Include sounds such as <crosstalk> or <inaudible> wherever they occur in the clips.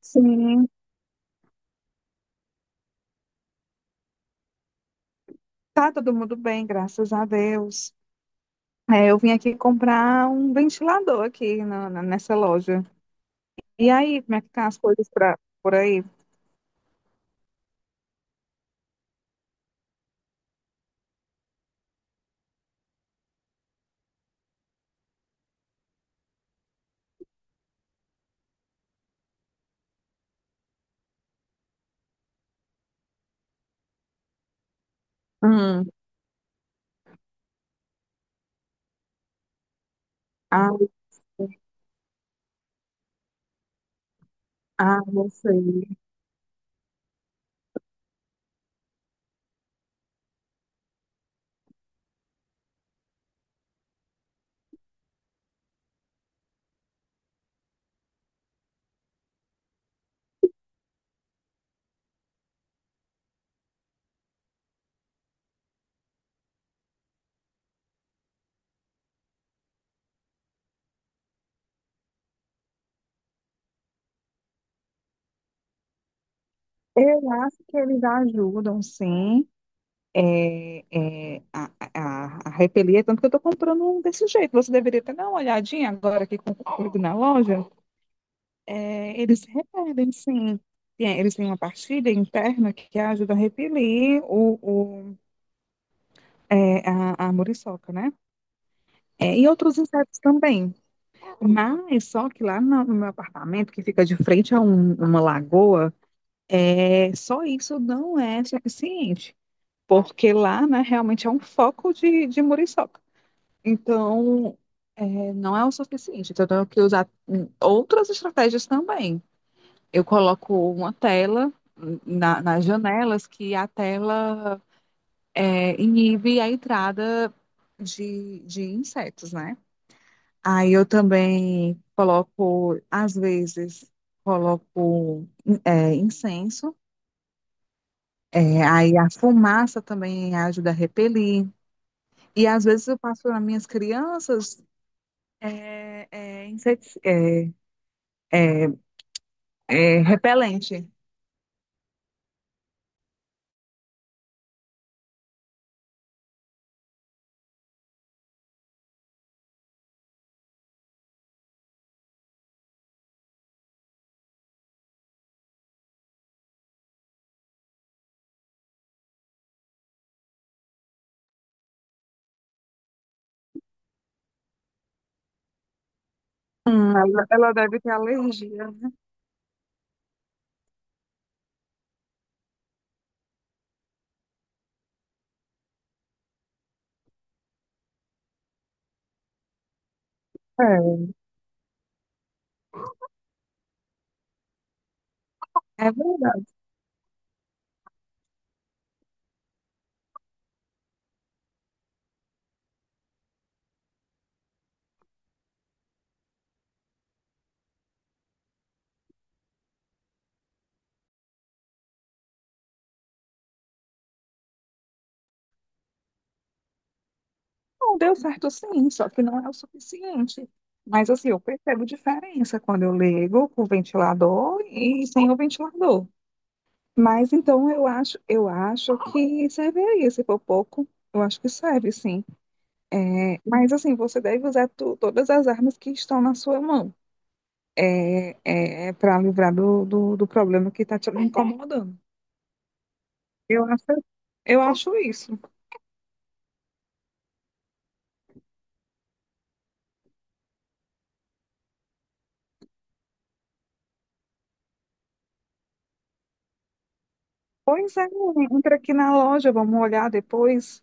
Sim, tá todo mundo bem, graças a Deus. É, eu vim aqui comprar um ventilador aqui nessa loja. E aí, como é que tá as coisas por aí? Hum, ah, ah, não sei. Eu acho que eles ajudam, sim, é, é, a repelir, tanto que eu tô comprando um desse jeito. Você deveria até dar uma olhadinha agora aqui comigo na loja. É, eles repelem, sim. Eles têm uma partilha interna que ajuda a repelir o é, a muriçoca, né? É, e outros insetos também. Mas só que lá no meu apartamento, que fica de frente a uma lagoa, é, só isso não é suficiente. Porque lá, né, realmente é um foco de muriçoca. Então, é, não é o suficiente. Então, eu tenho que usar outras estratégias também. Eu coloco uma tela nas janelas que a tela é, inibe a entrada de insetos, né? Aí eu também coloco, às vezes, coloco incenso. É, aí a fumaça também ajuda a repelir. E às vezes eu passo para minhas crianças é, é, inseti- é, é, repelente. Ela deve ter alergia, né? É, é verdade. Não deu certo sim, só que não é o suficiente. Mas assim, eu percebo diferença quando eu ligo com o ventilador e sem o ventilador. Mas então eu acho que serviria, se for pouco, eu acho que serve, sim. É, mas assim, você deve usar todas as armas que estão na sua mão, para livrar do problema que está te incomodando. Eu acho, eu acho isso. Pois é, entra aqui na loja, vamos olhar depois.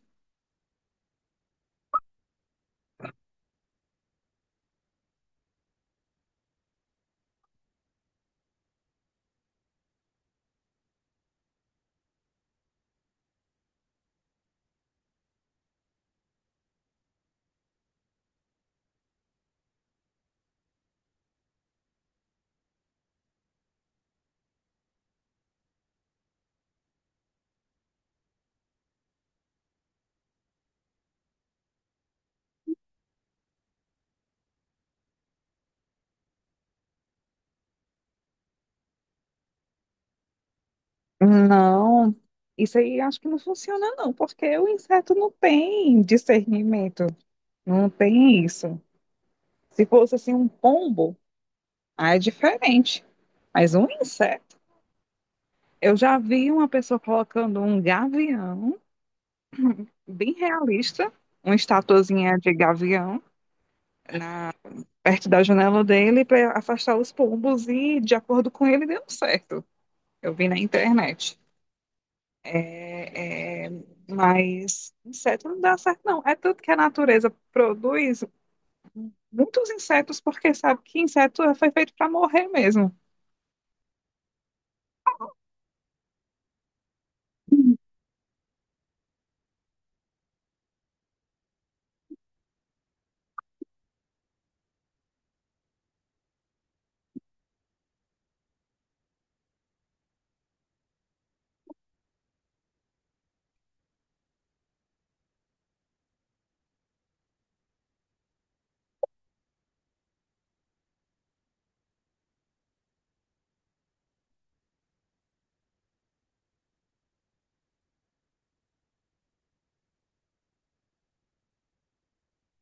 Não, isso aí acho que não funciona, não, porque o inseto não tem discernimento, não tem isso. Se fosse assim um pombo. Ah, é diferente. Mas um inseto. Eu já vi uma pessoa colocando um gavião, bem realista, uma estatuazinha de gavião, na- perto da janela dele para afastar os pombos e, de acordo com ele, deu certo. Eu vi na internet. É, é, mas inseto não dá certo, não. É tanto que a natureza produz muitos insetos porque sabe que inseto foi feito para morrer mesmo.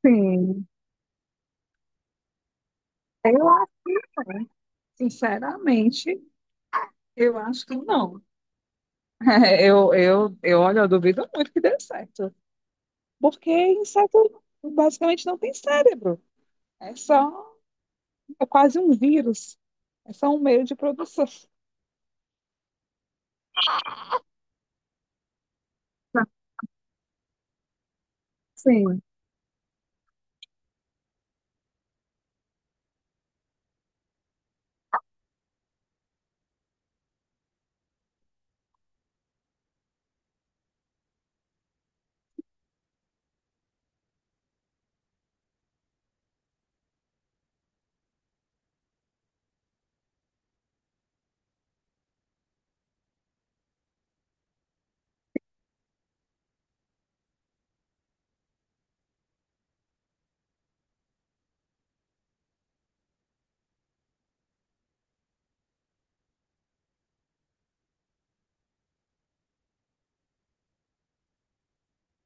Sim, eu acho, sinceramente, eu acho que não. <laughs> Olha, eu duvido muito que dê certo. Porque inseto basicamente não tem cérebro. É só, é quase um vírus. É só um meio de produção. Tá. Sim.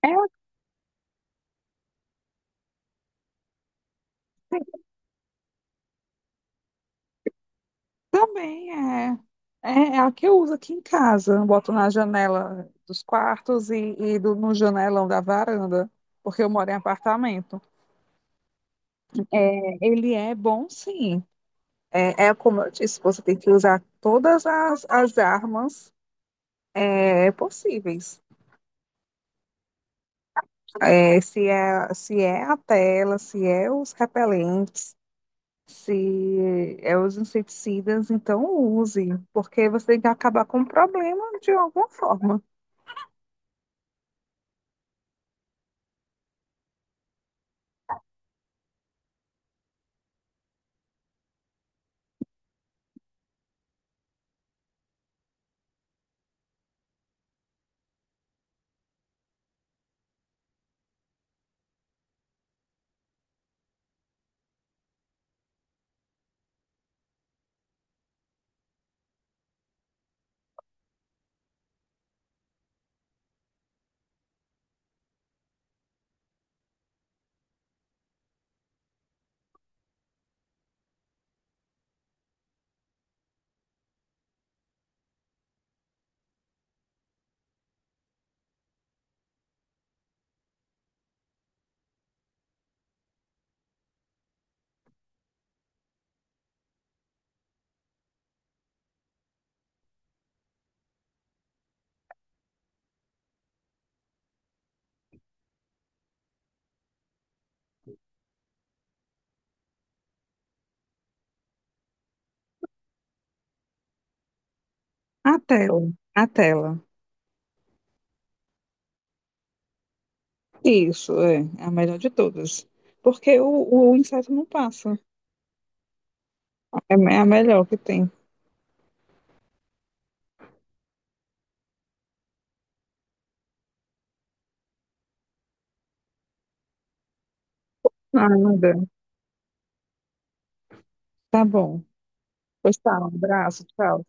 É, assim, também é, é a que eu uso aqui em casa. Eu boto na janela dos quartos e no janelão da varanda, porque eu moro em apartamento. É, ele é bom, sim. É, é como eu disse, você tem que usar todas as armas possíveis. É, se é a tela, se é os repelentes, se é os inseticidas, então use, porque você tem que acabar com o problema de alguma forma. A tela, a tela. Isso, é, é a melhor de todas. Porque o inseto não passa. É é a melhor que tem. Nada. Tá bom. Pois tá, um abraço, tchau.